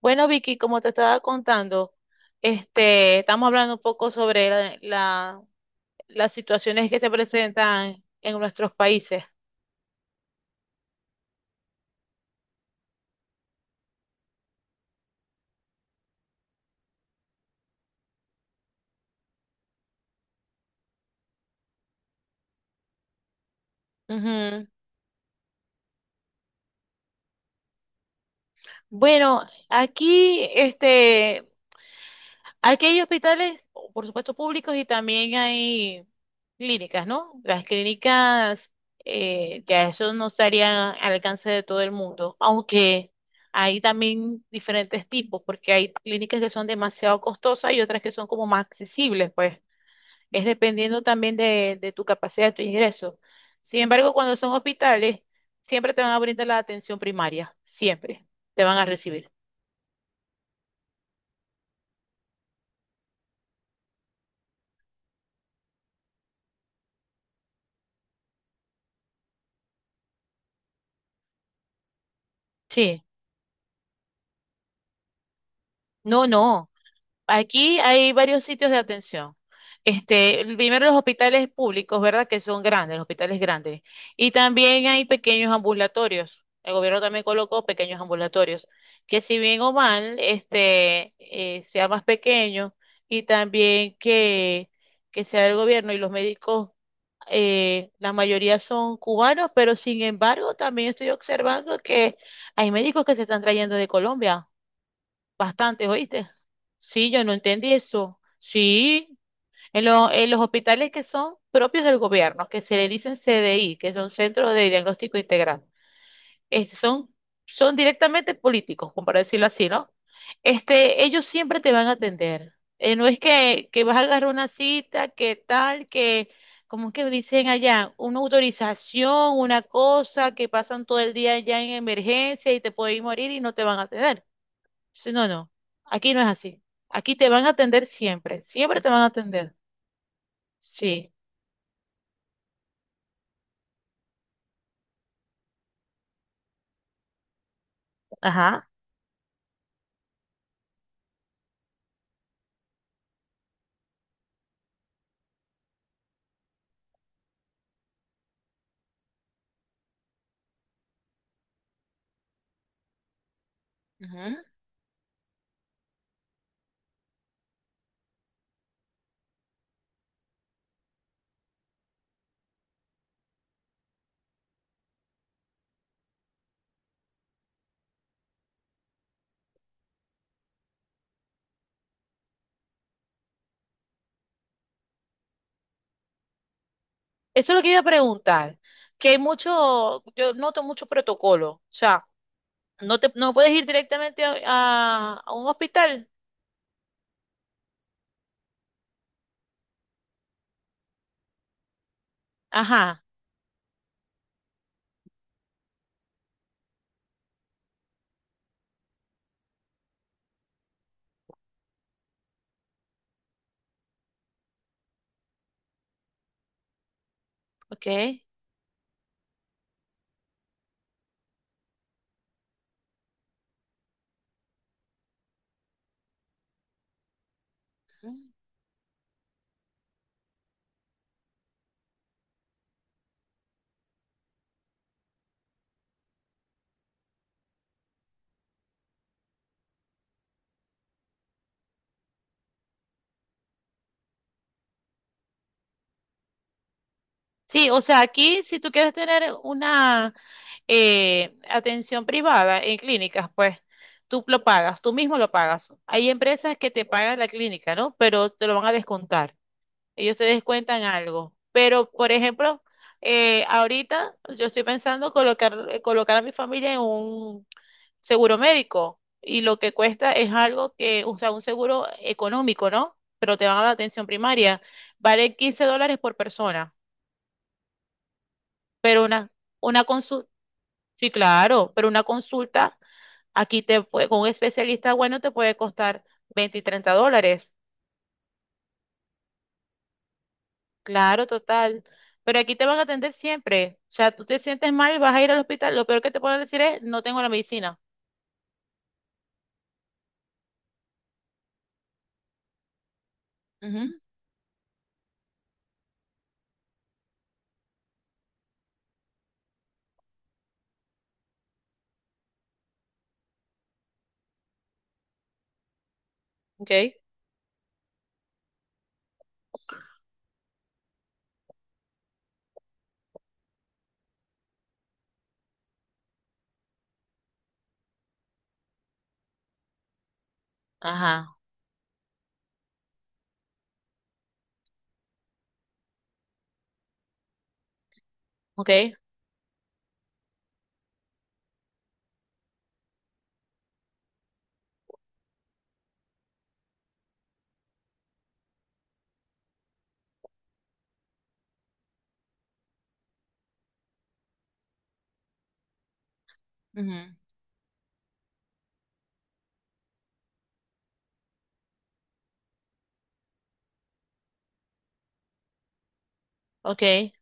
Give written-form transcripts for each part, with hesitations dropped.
Bueno, Vicky, como te estaba contando, estamos hablando un poco sobre las situaciones que se presentan en nuestros países. Ujú. Bueno, aquí, este, Aquí hay hospitales, por supuesto, públicos y también hay clínicas, ¿no? Las clínicas, ya eso no estaría al alcance de todo el mundo, aunque hay también diferentes tipos, porque hay clínicas que son demasiado costosas y otras que son como más accesibles, pues es dependiendo también de tu capacidad, de tu ingreso. Sin embargo, cuando son hospitales, siempre te van a brindar la atención primaria, siempre te van a recibir. Sí, no, no. Aquí hay varios sitios de atención. El primero los hospitales públicos, ¿verdad? Que son grandes, los hospitales grandes. Y también hay pequeños ambulatorios. El gobierno también colocó pequeños ambulatorios, que si bien o mal, sea más pequeño y también que sea el gobierno y los médicos, la mayoría son cubanos, pero sin embargo también estoy observando que hay médicos que se están trayendo de Colombia. Bastante, ¿oíste? Sí, yo no entendí eso. Sí, en los hospitales que son propios del gobierno, que se le dicen CDI, que son Centros de Diagnóstico Integral, este, son, son, directamente políticos, como para decirlo así, ¿no? Ellos siempre te van a atender. No es que vas a agarrar una cita, que tal, que, como es que dicen allá, una autorización, una cosa, que pasan todo el día allá en emergencia y te pueden morir y no te van a atender. Sí, no, no. Aquí no es así. Aquí te van a atender siempre. Siempre te van a atender. Sí. Ajá. Ujú. Eso es lo que iba a preguntar. Que hay mucho, yo noto mucho protocolo. O sea, no puedes ir directamente a un hospital. Ajá. Ok. Ujú. Sí, o sea, aquí si tú quieres tener una atención privada en clínicas, pues tú lo pagas, tú mismo lo pagas. Hay empresas que te pagan la clínica, ¿no? Pero te lo van a descontar. Ellos te descuentan algo. Pero, por ejemplo, ahorita yo estoy pensando colocar a mi familia en un seguro médico y lo que cuesta es algo que, o sea, un seguro económico, ¿no? Pero te van a dar atención primaria. Vale $15 por persona, pero una, consulta, sí, claro, pero una consulta aquí te puede, con un especialista bueno te puede costar 20 y 30 dólares. Claro, total. Pero aquí te van a atender siempre. O sea, tú te sientes mal y vas a ir al hospital. Lo peor que te pueden decir es, no tengo la medicina. Ujú, ok. Ajá, ok, ujú. Ok.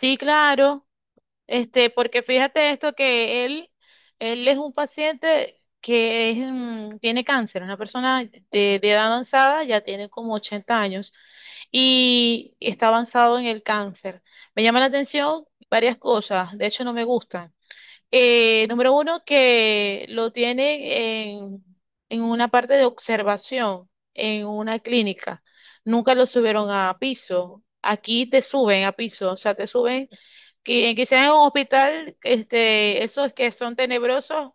Sí, claro. Porque fíjate esto que él es un paciente que tiene cáncer, una persona de edad avanzada, ya tiene como 80 años y está avanzado en el cáncer. Me llama la atención varias cosas, de hecho no me gustan. Número uno, que lo tienen en una parte de observación, en una clínica. Nunca lo subieron a piso. Aquí te suben a piso, o sea, te suben, quizás en un hospital, esos que son tenebrosos,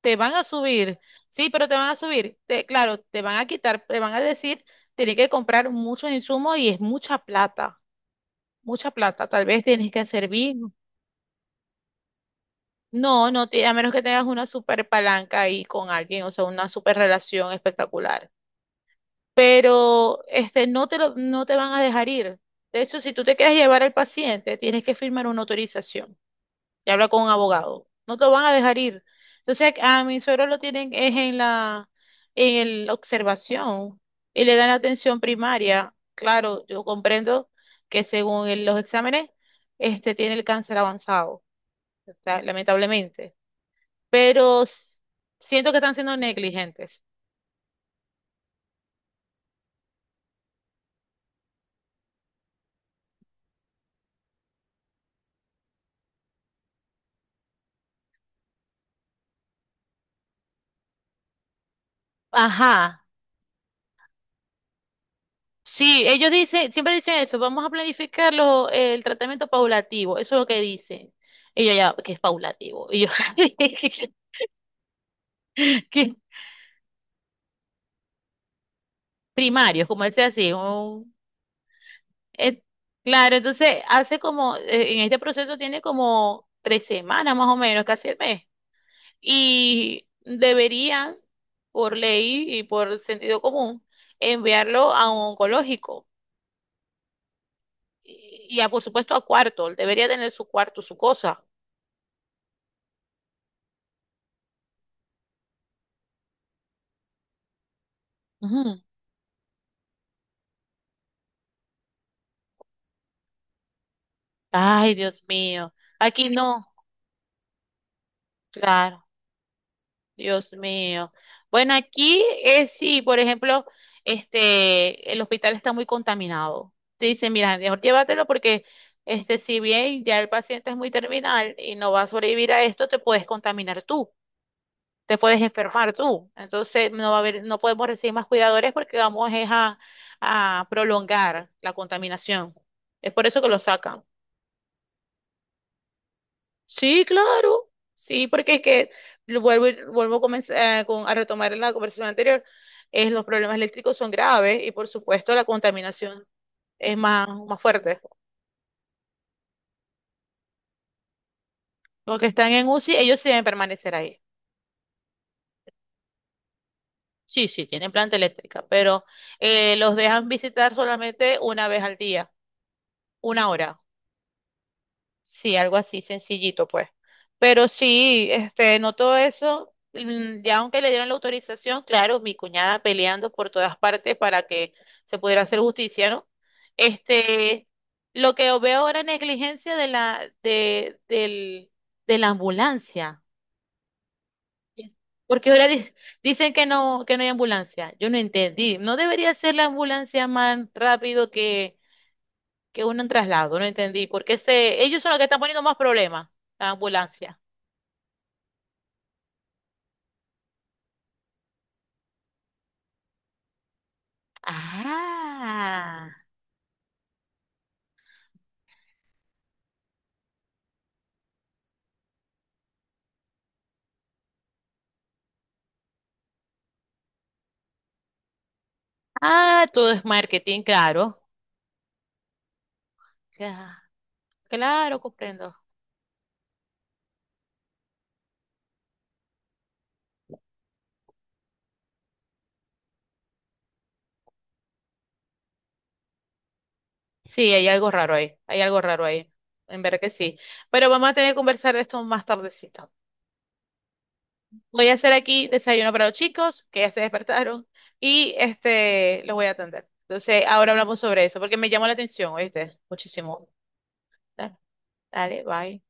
te van a subir. Sí, pero te van a subir. Claro, te van a quitar, te van a decir, tienes que comprar muchos insumos y es mucha plata, mucha plata. Tal vez tienes que servir. No, no, a menos que tengas una super palanca ahí con alguien, o sea, una super relación espectacular. Pero no te van a dejar ir. De hecho, si tú te quieres llevar al paciente, tienes que firmar una autorización y habla con un abogado. No te lo van a dejar ir. Entonces, a mi suegro lo tienen es en la observación y le dan atención primaria. Claro, yo comprendo que según los exámenes, este tiene el cáncer avanzado, o sea, lamentablemente pero siento que están siendo negligentes. Ajá, sí, ellos dicen, siempre dicen eso, vamos a planificar el tratamiento paulativo, eso es lo que dicen. Y yo ya, que es paulativo. Y yo, que primario, como dice así. Eh, claro, entonces hace como, en este proceso tiene como 3 semanas más o menos, casi el mes. Y deberían, por ley y por sentido común, enviarlo a un oncológico. Y, por supuesto a cuarto, él debería tener su cuarto, su cosa. Ujú. Ay, Dios mío. Aquí no, claro, Dios mío. Bueno, aquí es sí, por ejemplo, el hospital está muy contaminado. Te dicen, mira, mejor llévatelo porque, si bien ya el paciente es muy terminal y no va a sobrevivir a esto, te puedes contaminar tú. Te puedes enfermar tú. Entonces no podemos recibir más cuidadores porque vamos es a prolongar la contaminación. Es por eso que lo sacan. Sí, claro. Sí, porque es que vuelvo a comenzar, a retomar la conversación anterior. Los problemas eléctricos son graves y por supuesto la contaminación es más, más fuerte. Los que están en UCI, ellos sí deben permanecer ahí. Sí, sí, tienen planta eléctrica, pero los dejan visitar solamente una vez al día, una hora. Sí, algo así sencillito, pues. Pero sí, no todo eso, ya aunque le dieron la autorización, claro, mi cuñada peleando por todas partes para que se pudiera hacer justicia, ¿no? Este, lo que veo ahora es negligencia de la ambulancia. Porque ahora dicen que no hay ambulancia. Yo no entendí. ¿No debería ser la ambulancia más rápido que uno en traslado? No entendí, porque ellos son los que están poniendo más problemas, la ambulancia. Ah, ah, todo es marketing, claro. Ya, claro, comprendo. Sí, hay algo raro ahí, hay algo raro ahí, en verdad que sí. Pero vamos a tener que conversar de esto más tardecito. Voy a hacer aquí desayuno para los chicos, que ya se despertaron, y los voy a atender. Entonces, ahora hablamos sobre eso, porque me llamó la atención, ¿oíste? Muchísimo. Dale, dale, bye.